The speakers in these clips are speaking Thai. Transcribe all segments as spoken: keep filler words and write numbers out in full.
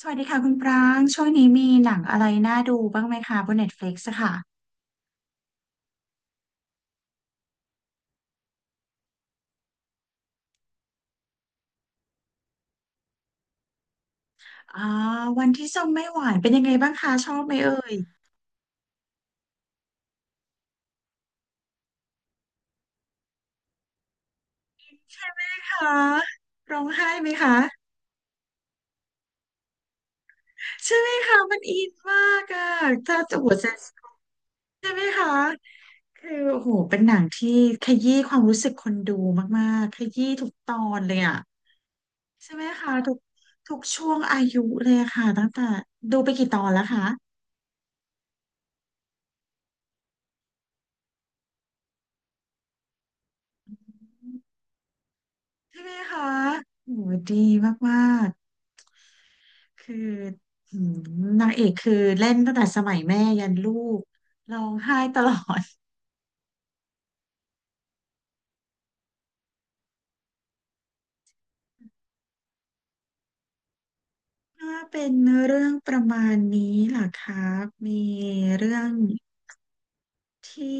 สวัสดีค่ะคุณปรางช่วงนี้มีหนังอะไรน่าดูบ้างไหมคะบน Netflix อะค่ะอ่าวันที่ส้มไม่หวานเป็นยังไงบ้างคะชอบไหมเอ่ยคะร้องไห้ไหมคะใช่ไหมคะมันอินมากอะ ถ้าจะหัวใจใช่ไหมคะคือโอ้โหเป็นหนังที่ขยี้ความรู้สึกคนดูมากๆขยี้ทุกตอนเลยอะใช่ไหมคะทุกทุกช่วงอายุเลยอะค่ะตั้งแต่ดูไปกี่ตอนแล้วคะใช่ไหมคะโหดีมาก คือหืมนางเอกคือเล่นตั้งแต่สมัยแม่ยันลูกร้องไห้ตลอด ถ้าเป็นเรื่องประมาณนี้ล่ะครับมีเรื่องที่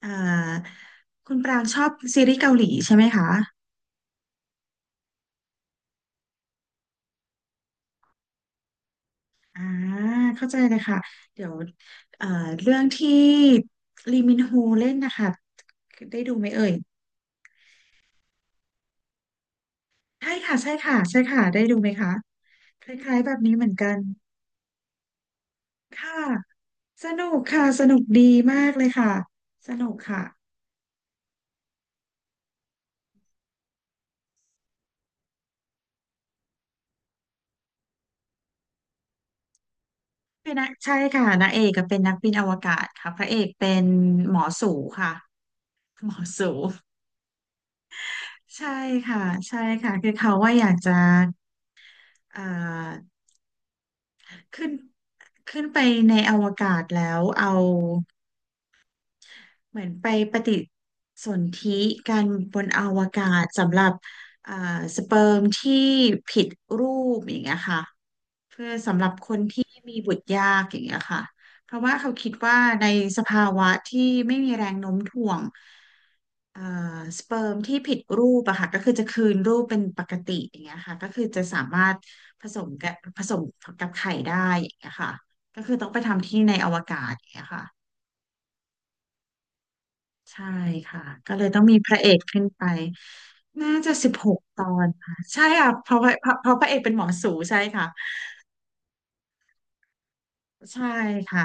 เอ่อคุณปรางชอบซีรีส์เกาหลีใช่ไหมคะอ่าเข้าใจเลยค่ะเดี๋ยวเอ่อเรื่องที่ลีมินโฮเล่นนะคะได้ดูไหมเอ่ยใช่ค่ะใช่ค่ะใช่ค่ะได้ดูไหมคะคล้ายๆแบบนี้เหมือนกัน ค่ะสนุกค่ะสนุกดีมากเลยค่ะสนุกค่ะเป็นนักใช่ค่ะนางเอกก็เป็นนักบินอวกาศค่ะพระเอกเป็นหมอสูค่ะหมอสูใช่ค่ะใช่ค่ะคือเขาว่าอยากจะเอ่อขึ้นขึ้นไปในอวกาศแล้วเอาเหมือนไปปฏิสนธิกันบนอวกาศสำหรับเอ่อสเปิร์มที่ผิดรูปอย่างเงี้ยค่ะ เพื่อสำหรับคนที่มีบุตรยากอย่างเงี้ยค่ะเพราะว่าเขาคิดว่าในสภาวะที่ไม่มีแรงโน้มถ่วงเอ่อสเปิร์มที่ผิดรูปอะค่ะก็คือจะคืนรูปเป็นปกติอย่างเงี้ยค่ะก็คือจะสามารถผสมกับผสมกับไข่ได้อย่างเงี้ยค่ะก็คือต้องไปทำที่ในอวกาศอย่างเงี้ยค่ะใช่ค่ะก็เลยต้องมีพระเอกขึ้นไปน่าจะสิบหกตอนค่ะใช่ค่ะเพราะว่าเพราะเพราะพระเอกเป็นหมอสูใช่ค่ะใช่ค่ะ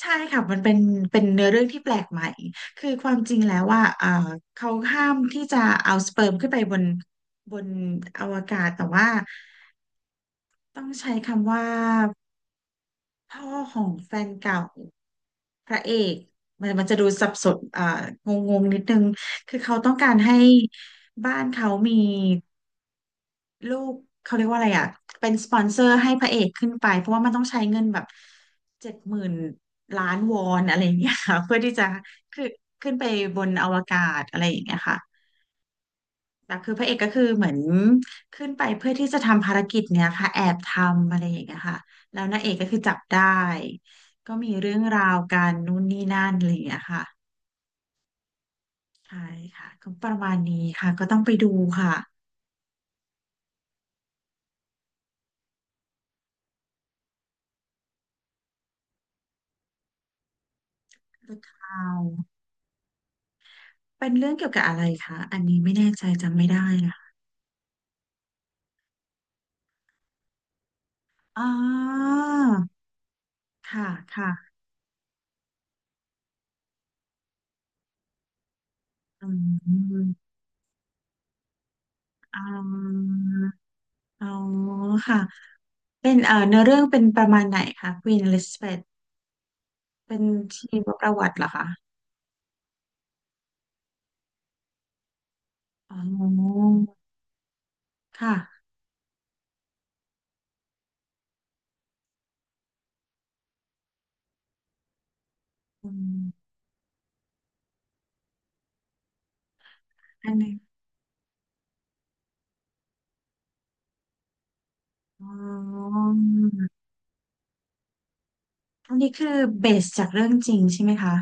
ใช่ค่ะมันเป็นเป็นเนื้อเรื่องที่แปลกใหม่คือความจริงแล้วว่าอ่าเขาห้ามที่จะเอาสเปิร์มขึ้นไปบนบนอวกาศแต่ว่าต้องใช้คำว่าพ่อของแฟนเก่า พระเอกมันมันจะดูสับสนอ่างงงๆนิดนึงคือเขาต้องการให้บ้านเขามีลูกเขาเรียกว่าอะไรอ่ะเป็นสปอนเซอร์ให้พระเอกขึ้นไปเพราะว่ามันต้องใช้เงินแบบเจ็ดหมื่นล้านวอนอะไรอย่างเงี้ยค่ะเพื่อที่จะคือขึ้นไปบนอวกาศอะไรอย่างเงี้ยค่ะ แต่คือพระเอกก็คือเหมือนขึ้นไปเพื่อที่จะทำภารกิจเนี้ยค่ะแอบทำอะไรอย่างเงี้ยค่ะแล้วนางเอกก็คือจับได้ก็มีเรื่องราวกันนู่นนี่นั่นอะไรอย่างเงี้ยค่ะใช่ค่ะก็ประมาณนี้ค่ะก็ต้องไปดูค่ะ The Crown เป็นเรื่องเกี่ยวกับอะไรคะอันนี้ไม่แน่ใจจำไม่ได้นะคะอ๋อค่ะค่ะอืมอืมอ๋อค่ะเป็นเอ่อเนื้อเรื่องเป็นประมาณไหนคะ Queen Elizabeth เป็นชีวประวัติเหรอคะอ๋อค่ะอืมอันนี้อ๋ออันนี้คือเบสจากเรื่องจริงใช่ไหมคะ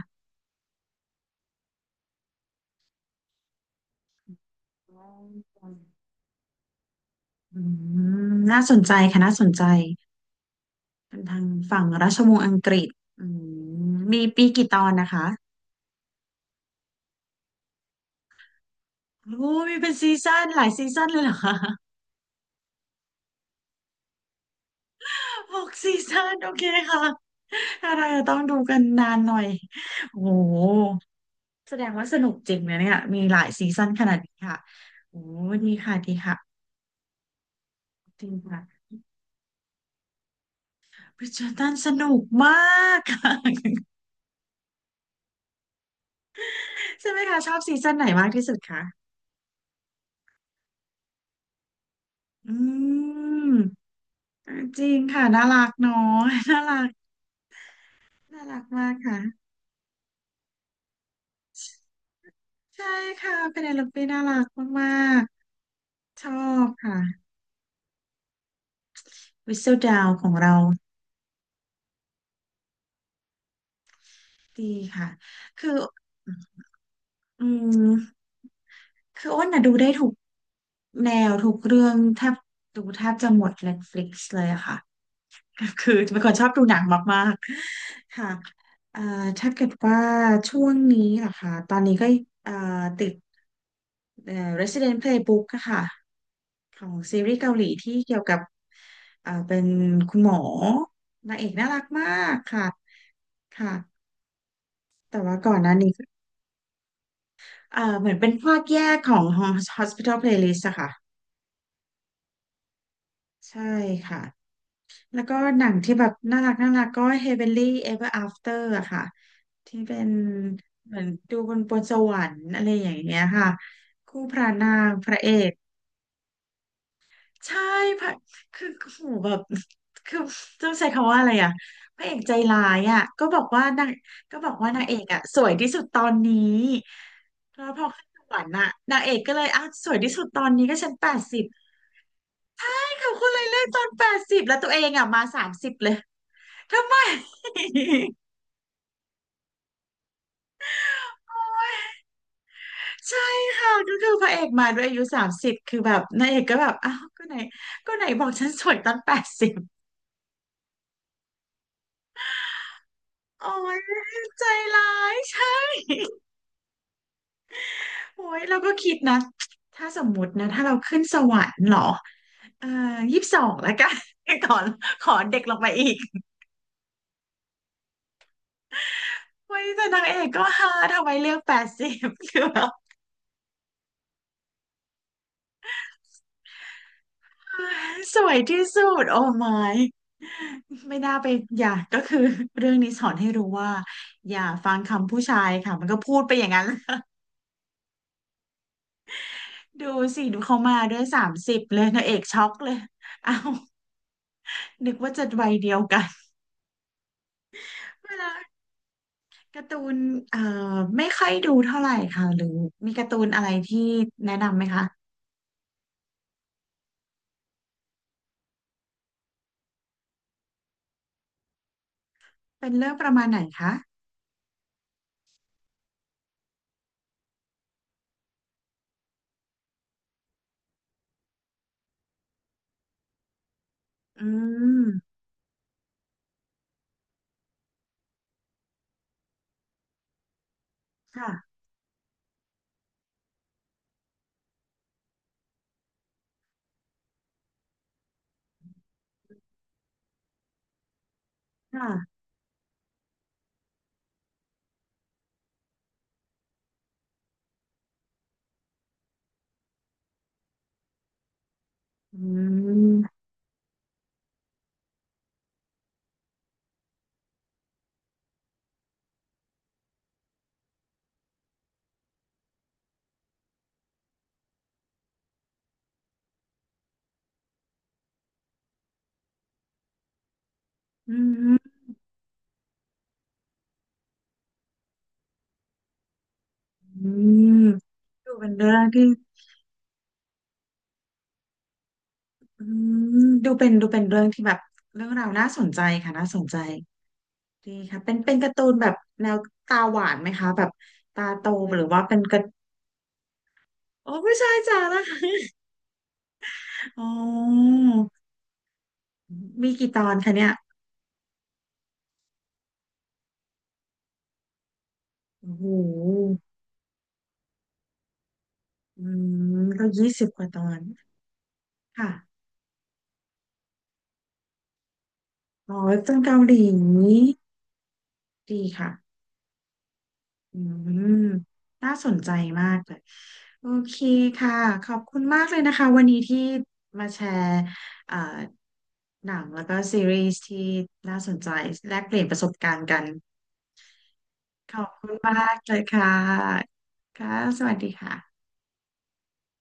อ๋ออืมน่าสนใจค่ะน่าสนใจ เป็นทางฝั่งราชวงศ์อังกฤษอืมมีปีกี่ตอนนะคะโอ้มีเป็นซีซั่นหลายซีซั่นเลยเหรอคะ หกซีซั่นโอเคค่ะอะไรอะต้องดูกันนานหน่อย โอ้โห แสดงว่าสนุกจริงนะเนี่ยมีหลายซีซั่นขนาดนี้ค่ะโอ้ดีค่ะดีค่ะจริงค่ะริชาร์ดตันสนุกมากค่ะ ใช่ไหมคะชอบซีซั่นไหนมากที่สุดคะอืมจริงค่ะ น่ารักเนาะน่ารักน่ารักมากค่ะ ใช่ค่ะเป็นเอลปีน่ารักมากๆชอบค่ะ Whistle Down ของเราดีค่ะคืออืม คืออ้นน่ะดูได้ทุกแนวทุกเรื่องแทบดูแทบจะหมด Netflix เลยอะค่ะ คือเป็นคนชอบดูหนังมากๆค่ะเอ่อถ้าเกิดว่าช่วงนี้นะคะตอนนี้ก็เอ่อติดเอ่อ Resident Playbook อะค่ะของซีรีส์เกาหลีที่เกี่ยวกับเอ่อเป็นคุณหมอนางเอกน่ารักมากค่ะค่ะแต่ว่าก่อนหน้านี้เอ่อเหมือนเป็นภาคแยกของ Hospital Playlist อะค่ะ ใช่ค่ะแล้วก็หนังที่แบบน่ารักน่ารักก็ Heavenly Ever After อะค่ะที่เป็นเหมือนดูบนบนสวรรค์อะไรอย่างเงี้ยค่ะคู่พระนางพระเอกใช่พระคือโอ้โหแบบคือต้องใช้คำว่าอะไรอะพระเอกใจร้ายอะก็บอกว่านางก็บอกว่านางเอกอะสวยที่สุดตอนนี้แล้วพอขึ้นสวรรค์อะนางเอกก็เลยอ้าวสวยที่สุดตอนนี้ก็ฉันแปดสิบเขาก็เลยเลือกตอนแปดสิบแล้วตัวเองอะมาสามสิบเลย ทำไมใช่ค่ะก็คือพระเอกมาด้วยอายุสามสิบคือแบบนางเอกก็แบบอ้าวก็ไหนก็ไหนบอกฉันสวยตอนแปดสิบโอ้ยใจร้ายใช่โอ้ยเราก็คิดนะถ้าสมมุตินะถ้าเราขึ้นสวรรค์เหรอเอ่อยี่สิบสองแล้วกัน ขอขอเด็กลงไปอีกเฮ้ยแต่นางเอกก็ฮาทำไมเลือกแปดสิบ คือแบบ สวยที่สุดโอ้ my ไม่น่าไปอย่าก็คือเรื่องนี้สอนให้รู้ว่าอย่าฟังคำผู้ชายค่ะมันก็พูดไปอย่างนั้น ดูสิดูเขามาด้วยสามสิบเลยนางเอกช็อกเลย เอาวนึกว่าจะวัยเดียวกัน เวลาการ์ตูนเอ่อไม่ค่อยดูเท่าไหร่ค่ะหรือมีการ์ตูนอะไรที่แนะนำไหมคะเป็นเรื่องประมาณไหนคะอืมค่ะค่ะอืมอืมอืมดูเป็นเรื่องที่ อืมดูเป็นดูเป็นเรื่องที่แบบเรื่องราวน่าสนใจค่ะน่าสนใจดีค่ะเป็นเป็นการ์ตูนแบบแนวตาหวานไหมคะแบบตาโตหรือว่าเป็นการ์โอ้ผู้ชายจ๋าละ อ๋อมีกี่ตอนคะเนี่ยโอ้โหอืมก็ยี่สิบกว่าตอนค่ะอ๋อจังเกาหลีดีค่ะ อืมน่าสนใจมากเลยโอเคค่ะขอบคุณมากเลยนะคะวันนี้ที่มาแชร์เอ่อหนังแล้วก็ซีรีส์ที่น่าสนใจแลกเปลี่ยนประสบการณ์กันขอบคุณมากเลยค่ะค่ะสวัสดีค่ะ